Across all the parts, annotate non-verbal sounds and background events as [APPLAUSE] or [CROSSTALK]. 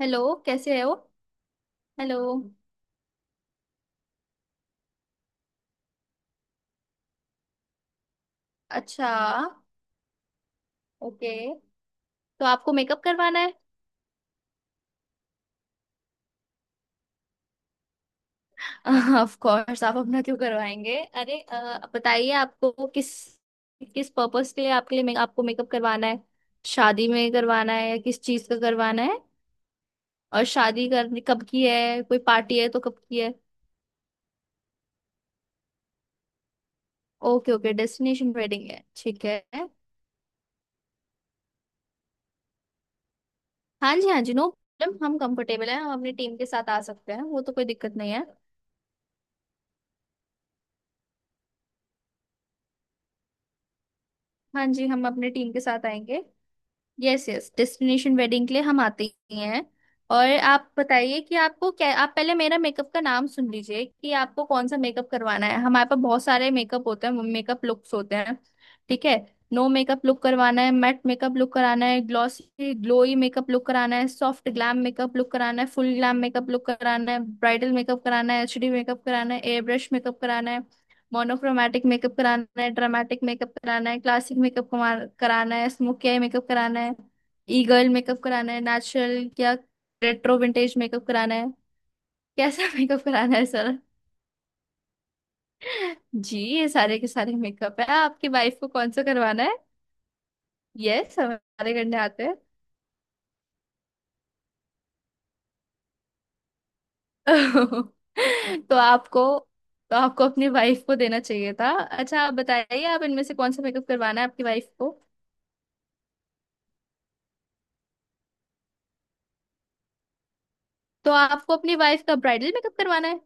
Hello, कैसे हो। Hello. अच्छा। ओके। तो आपको मेकअप करवाना है? [LAUGHS] ऑफ कोर्स, आप अपना क्यों करवाएंगे। अरे बताइए आपको किस किस पर्पस के लिए, आपके लिए आपको मेकअप करवाना है? शादी में करवाना है या किस चीज का करवाना है? और शादी करनी कब की है? कोई पार्टी है तो कब की है? ओके ओके, डेस्टिनेशन वेडिंग है, ठीक है। हाँ जी हाँ जी, नो प्रॉब्लम, हम कंफर्टेबल हैं, हम अपनी टीम के साथ आ सकते हैं, वो तो कोई दिक्कत नहीं है। हाँ जी, हम अपने टीम के साथ आएंगे। यस यस, डेस्टिनेशन वेडिंग के लिए हम आते ही हैं। और आप बताइए कि आपको क्या, आप पहले मेरा मेकअप का नाम सुन लीजिए कि आपको कौन सा मेकअप करवाना है। हमारे पास बहुत सारे मेकअप होते हैं, मेकअप लुक्स होते हैं। ठीक है। नो मेकअप लुक करवाना है, मैट मेकअप लुक कराना है, ग्लॉसी ग्लोई मेकअप लुक कराना है, सॉफ्ट ग्लैम मेकअप लुक कराना है, फुल ग्लैम मेकअप लुक कराना है, ब्राइडल मेकअप कराना है, एचडी मेकअप कराना है, एयर ब्रश मेकअप कराना है, मोनोक्रोमैटिक मेकअप कराना है, ड्रामेटिक मेकअप कराना है, क्लासिक मेकअप कराना है, स्मोकी आई मेकअप कराना है, ई गर्ल मेकअप कराना है, नेचुरल या रेट्रो विंटेज मेकअप कराना है। कैसा [LAUGHS] मेकअप कराना है सर? जी, ये सारे के सारे मेकअप है। आपकी वाइफ को कौन सा करवाना है? यस, हमारे करने आते हैं। [LAUGHS] तो आपको तो आपको अपनी वाइफ को देना चाहिए था। अच्छा, आप बताइए, आप इनमें से कौन सा मेकअप करवाना है आपकी वाइफ को? तो आपको अपनी वाइफ का ब्राइडल मेकअप करवाना है।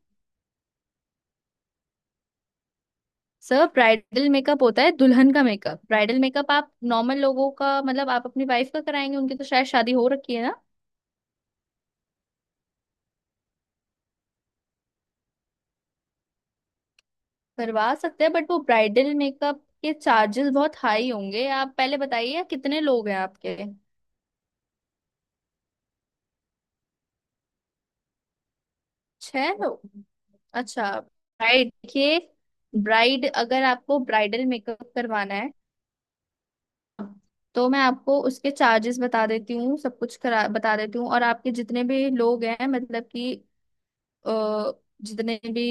सर, ब्राइडल मेकअप होता है दुल्हन का मेकअप। ब्राइडल मेकअप आप नॉर्मल लोगों का, मतलब आप अपनी वाइफ का कराएंगे, उनकी तो शायद शादी हो रखी है ना। करवा सकते हैं, बट वो ब्राइडल मेकअप के चार्जेस बहुत हाई होंगे। आप पहले बताइए, कितने लोग हैं आपके? छह लोग। अच्छा, ब्राइड, देखिए, ब्राइड अगर आपको ब्राइडल मेकअप करवाना है तो मैं आपको उसके चार्जेस बता देती हूँ, सब कुछ करा बता देती हूँ। और आपके जितने भी लोग हैं, मतलब कि अ, जितने भी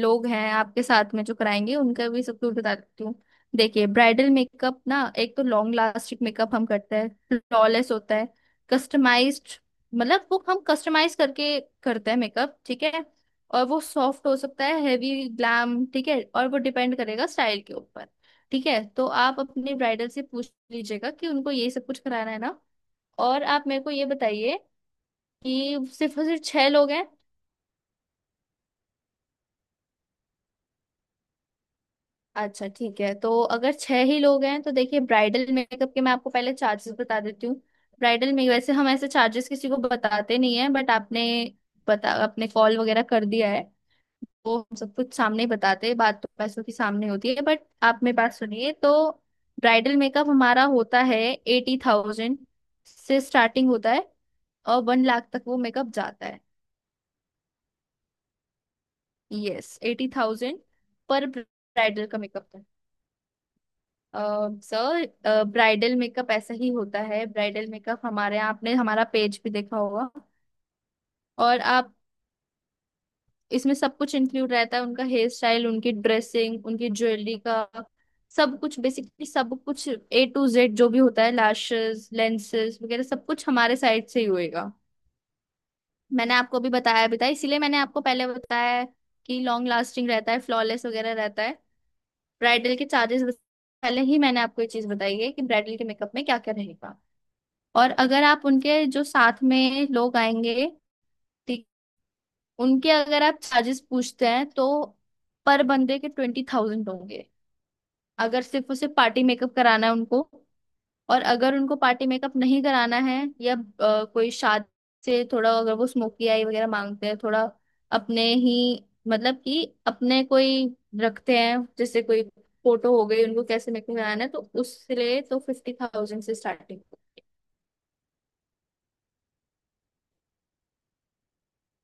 लोग हैं आपके साथ में जो कराएंगे, उनका भी सब कुछ बताती हूँ। देखिए, ब्राइडल मेकअप ना एक तो लॉन्ग लास्टिक मेकअप हम करते हैं, फ्लॉलेस होता है, कस्टमाइज्ड, मतलब वो हम कस्टमाइज करके करते हैं मेकअप, ठीक है। और वो सॉफ्ट हो सकता है, हैवी ग्लैम, ठीक है, और वो डिपेंड करेगा स्टाइल के ऊपर। ठीक है, तो आप अपने ब्राइडल से पूछ लीजिएगा कि उनको ये सब कुछ कराना है ना। और आप मेरे को ये बताइए कि सिर्फ और सिर्फ छह लोग हैं? अच्छा ठीक है, तो अगर छह ही लोग हैं तो देखिए ब्राइडल मेकअप के मैं आपको पहले चार्जेस बता देती हूँ। ब्राइडल में वैसे हम ऐसे चार्जेस किसी को बताते नहीं है, बट आपने बता आपने कॉल वगैरह कर दिया है तो हम सब कुछ सामने ही बताते हैं। बात तो पैसों की सामने होती है। बट आप मेरी बात सुनिए तो, ब्राइडल मेकअप हमारा होता है 80,000 से स्टार्टिंग होता है, और 1,00,000 तक वो मेकअप जाता है। यस, 80,000। पर ब्राइडल का मेकअप, सर, ब्राइडल मेकअप ऐसा ही होता है। ब्राइडल मेकअप हमारे यहाँ, आपने हमारा पेज भी देखा होगा। और आप, इसमें सब कुछ इंक्लूड रहता है, उनका हेयर स्टाइल, उनकी ड्रेसिंग, उनकी ज्वेलरी का सब कुछ, बेसिकली सब कुछ ए टू जेड जो भी होता है, लाशेस, लेंसेस वगैरह सब कुछ हमारे साइड से ही होएगा। मैंने आपको अभी बताया भी था, इसीलिए मैंने आपको पहले बताया है कि लॉन्ग लास्टिंग रहता है, फ्लॉलेस वगैरह रहता है। ब्राइडल के चार्जेस पहले ही मैंने आपको ये चीज बताई है कि ब्राइडल के मेकअप में क्या क्या रहेगा। और अगर आप उनके, जो साथ में लोग आएंगे, ठीक, उनके अगर आप चार्जेस पूछते हैं तो पर बंदे के 20,000 होंगे, अगर सिर्फ उसे पार्टी मेकअप कराना है उनको। और अगर उनको पार्टी मेकअप नहीं कराना है, या कोई शादी से थोड़ा, अगर वो स्मोकी आई वगैरह मांगते हैं थोड़ा अपने ही, मतलब कि अपने कोई रखते हैं, जैसे कोई फोटो हो गई, उनको कैसे मेकअप कराना है, तो उसके लिए तो 50,000 से स्टार्टिंग।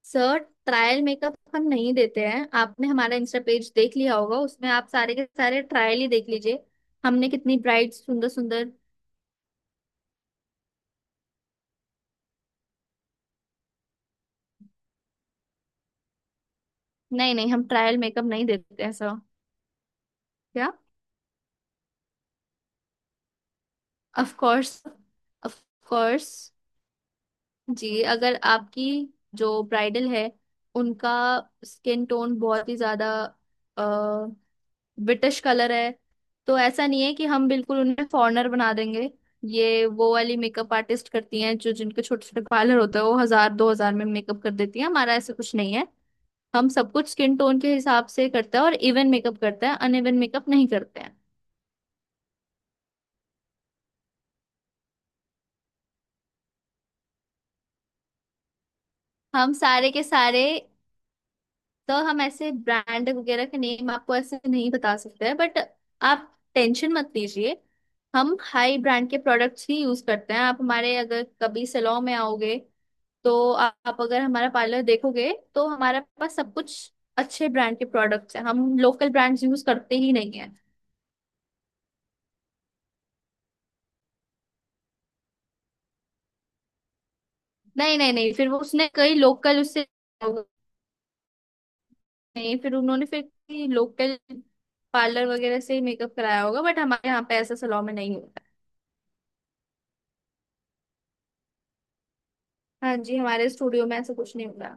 सर, ट्रायल मेकअप हम नहीं देते हैं। आपने हमारा इंस्टा पेज देख लिया होगा, उसमें आप सारे के सारे ट्रायल ही देख लीजिए। हमने कितनी ब्राइट, सुंदर सुंदर। नहीं नहीं, हम ट्रायल मेकअप नहीं देते हैं सर। क्या? Of course. ऑफ कोर्स जी, अगर आपकी जो ब्राइडल है उनका स्किन टोन बहुत ही ज्यादा ब्रिटिश कलर है, तो ऐसा नहीं है कि हम बिल्कुल उन्हें फॉरेनर बना देंगे। ये वो वाली मेकअप आर्टिस्ट करती हैं, जो जिनके छोटे छोटे पार्लर होते हैं, वो हजार दो हजार में मेकअप कर देती हैं। हमारा ऐसा कुछ नहीं है, हम सब कुछ स्किन टोन के हिसाब से करते हैं, और इवन मेकअप करते हैं, अनइवन मेकअप नहीं करते हैं। हम सारे के सारे, तो हम ऐसे ब्रांड वगैरह के नेम आपको ऐसे नहीं बता सकते हैं, बट आप टेंशन मत लीजिए, हम हाई ब्रांड के प्रोडक्ट्स ही यूज करते हैं। आप हमारे अगर कभी सैलून में आओगे तो आप अगर हमारा पार्लर देखोगे तो हमारे पास सब कुछ अच्छे ब्रांड के प्रोडक्ट्स हैं। हम लोकल ब्रांड्स यूज करते ही नहीं है। नहीं नहीं नहीं, फिर वो उसने कई लोकल उससे, नहीं, फिर उन्होंने फिर लोकल पार्लर वगैरह से ही मेकअप कराया होगा, बट हमारे यहाँ पे ऐसा सैलून में नहीं। हाँ जी, हमारे स्टूडियो में ऐसा कुछ नहीं होगा।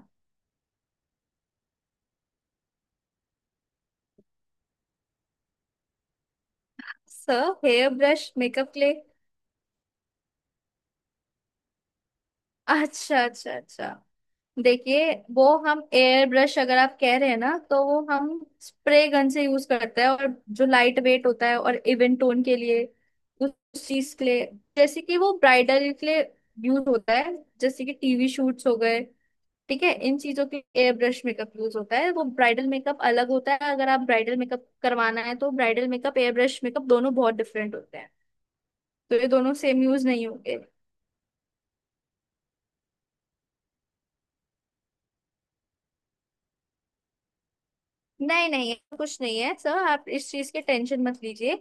Sir hair brush makeup clay, अच्छा अच्छा अच्छा, देखिए वो हम एयर ब्रश अगर आप कह रहे हैं ना तो वो हम स्प्रे गन से यूज करते हैं, और जो लाइट वेट होता है और इवन टोन के लिए, उस चीज के लिए, जैसे कि वो ब्राइडल के लिए यूज होता है, जैसे कि टीवी शूट्स हो गए, ठीक है, इन चीजों के एयर ब्रश मेकअप यूज होता है। वो ब्राइडल मेकअप अलग होता है। अगर आप ब्राइडल मेकअप करवाना है तो bridal makeup air brush makeup दोनों बहुत डिफरेंट होते हैं, तो ये दोनों सेम यूज नहीं होंगे। नहीं नहीं, ऐसा कुछ नहीं है सर, आप इस चीज की टेंशन मत लीजिए।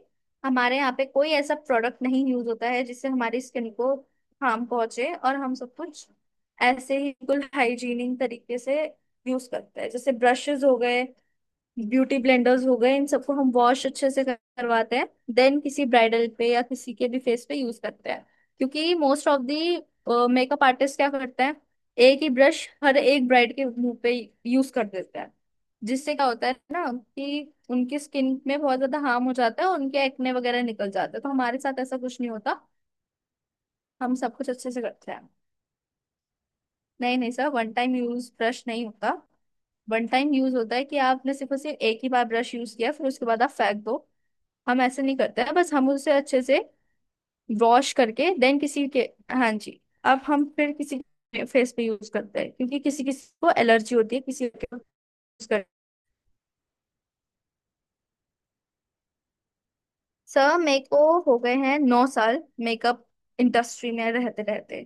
हमारे यहाँ पे कोई ऐसा प्रोडक्ट नहीं यूज होता है जिससे हमारी स्किन को हार्म पहुंचे। और हम सब कुछ ऐसे ही बिल्कुल हाइजीनिक तरीके से यूज करते हैं, जैसे ब्रशेस हो गए, ब्यूटी ब्लेंडर्स हो गए, इन सबको हम वॉश अच्छे से करवाते हैं, देन किसी ब्राइडल पे या किसी के भी फेस पे यूज करते हैं। क्योंकि most of the makeup artist क्या करते हैं, एक ही ब्रश हर एक ब्राइड के मुंह पे यूज कर देते हैं, जिससे क्या होता है ना कि उनकी स्किन में बहुत ज्यादा हार्म हो जाता है और उनके एक्ने वगैरह निकल जाते हैं। तो हमारे साथ ऐसा कुछ नहीं होता, हम सब कुछ अच्छे से करते हैं। नहीं नहीं sir, one time use brush नहीं होता। वन टाइम यूज होता है कि आपने सिर्फ और सिर्फ एक ही बार ब्रश यूज किया फिर उसके बाद आप फेंक दो। हम ऐसे नहीं करते हैं, बस हम उसे अच्छे से वॉश करके देन किसी के, हाँ जी, अब हम फिर किसी के फेस पे यूज करते हैं, क्योंकि किसी किसी को एलर्जी होती है, किसी को यूज कर, सर मेरे को हो गए हैं 9 साल मेकअप इंडस्ट्री में रहते रहते।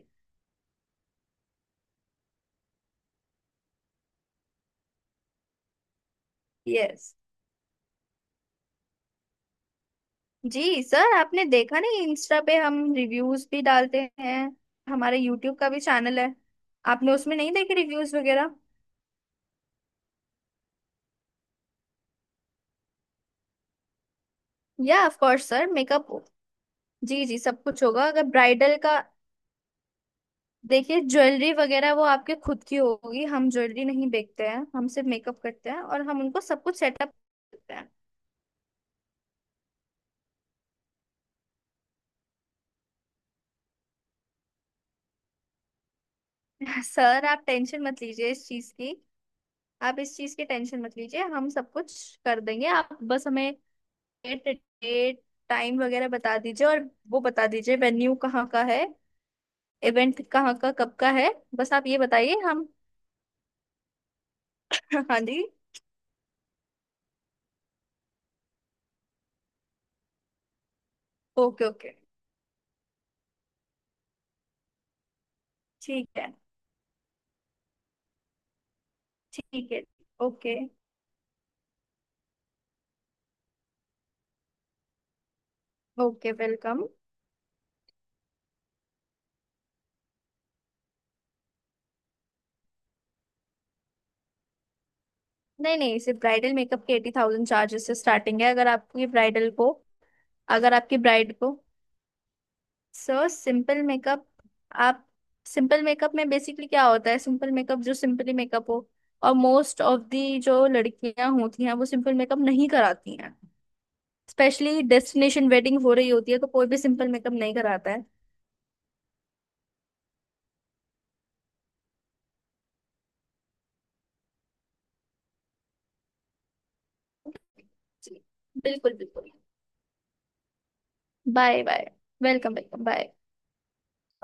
यस जी सर, आपने देखा नहीं इंस्टा पे हम रिव्यूज भी डालते हैं, हमारे यूट्यूब का भी चैनल है, आपने उसमें नहीं देखे रिव्यूज वगैरह? या ऑफ कोर्स सर, मेकअप, जी जी, सब कुछ होगा अगर ब्राइडल का। देखिए ज्वेलरी वगैरह वो आपके खुद की होगी, हम ज्वेलरी नहीं बेचते हैं, हम सिर्फ मेकअप करते हैं और हम उनको सब कुछ सेटअप करते हैं। [LAUGHS] सर, आप टेंशन मत लीजिए इस चीज की, आप इस चीज की टेंशन मत लीजिए, हम सब कुछ कर देंगे। आप बस हमें डेट डेट, टाइम वगैरह बता दीजिए, और वो बता दीजिए वेन्यू कहाँ का है, इवेंट कहाँ का कब का है। बस आप ये बताइए हम, [LAUGHS] हाँ जी। ओके ओके, ठीक है, ठीक है। Okay okay, welcome. नहीं नहीं, सिर्फ ब्राइडल मेकअप के 80,000 चार्जेस से स्टार्टिंग है। अगर आपकी ब्राइडल को, अगर आपकी ब्राइड को, सो सिंपल मेकअप आप, सिंपल मेकअप में बेसिकली क्या होता है, सिंपल मेकअप जो सिंपली मेकअप हो, और मोस्ट ऑफ दी जो लड़कियां होती हैं वो सिंपल मेकअप नहीं कराती हैं, स्पेशली डेस्टिनेशन वेडिंग हो रही होती है तो कोई भी सिंपल मेकअप नहीं कराता है। जी, बिल्कुल बिल्कुल। Bye bye, welcome welcome bye.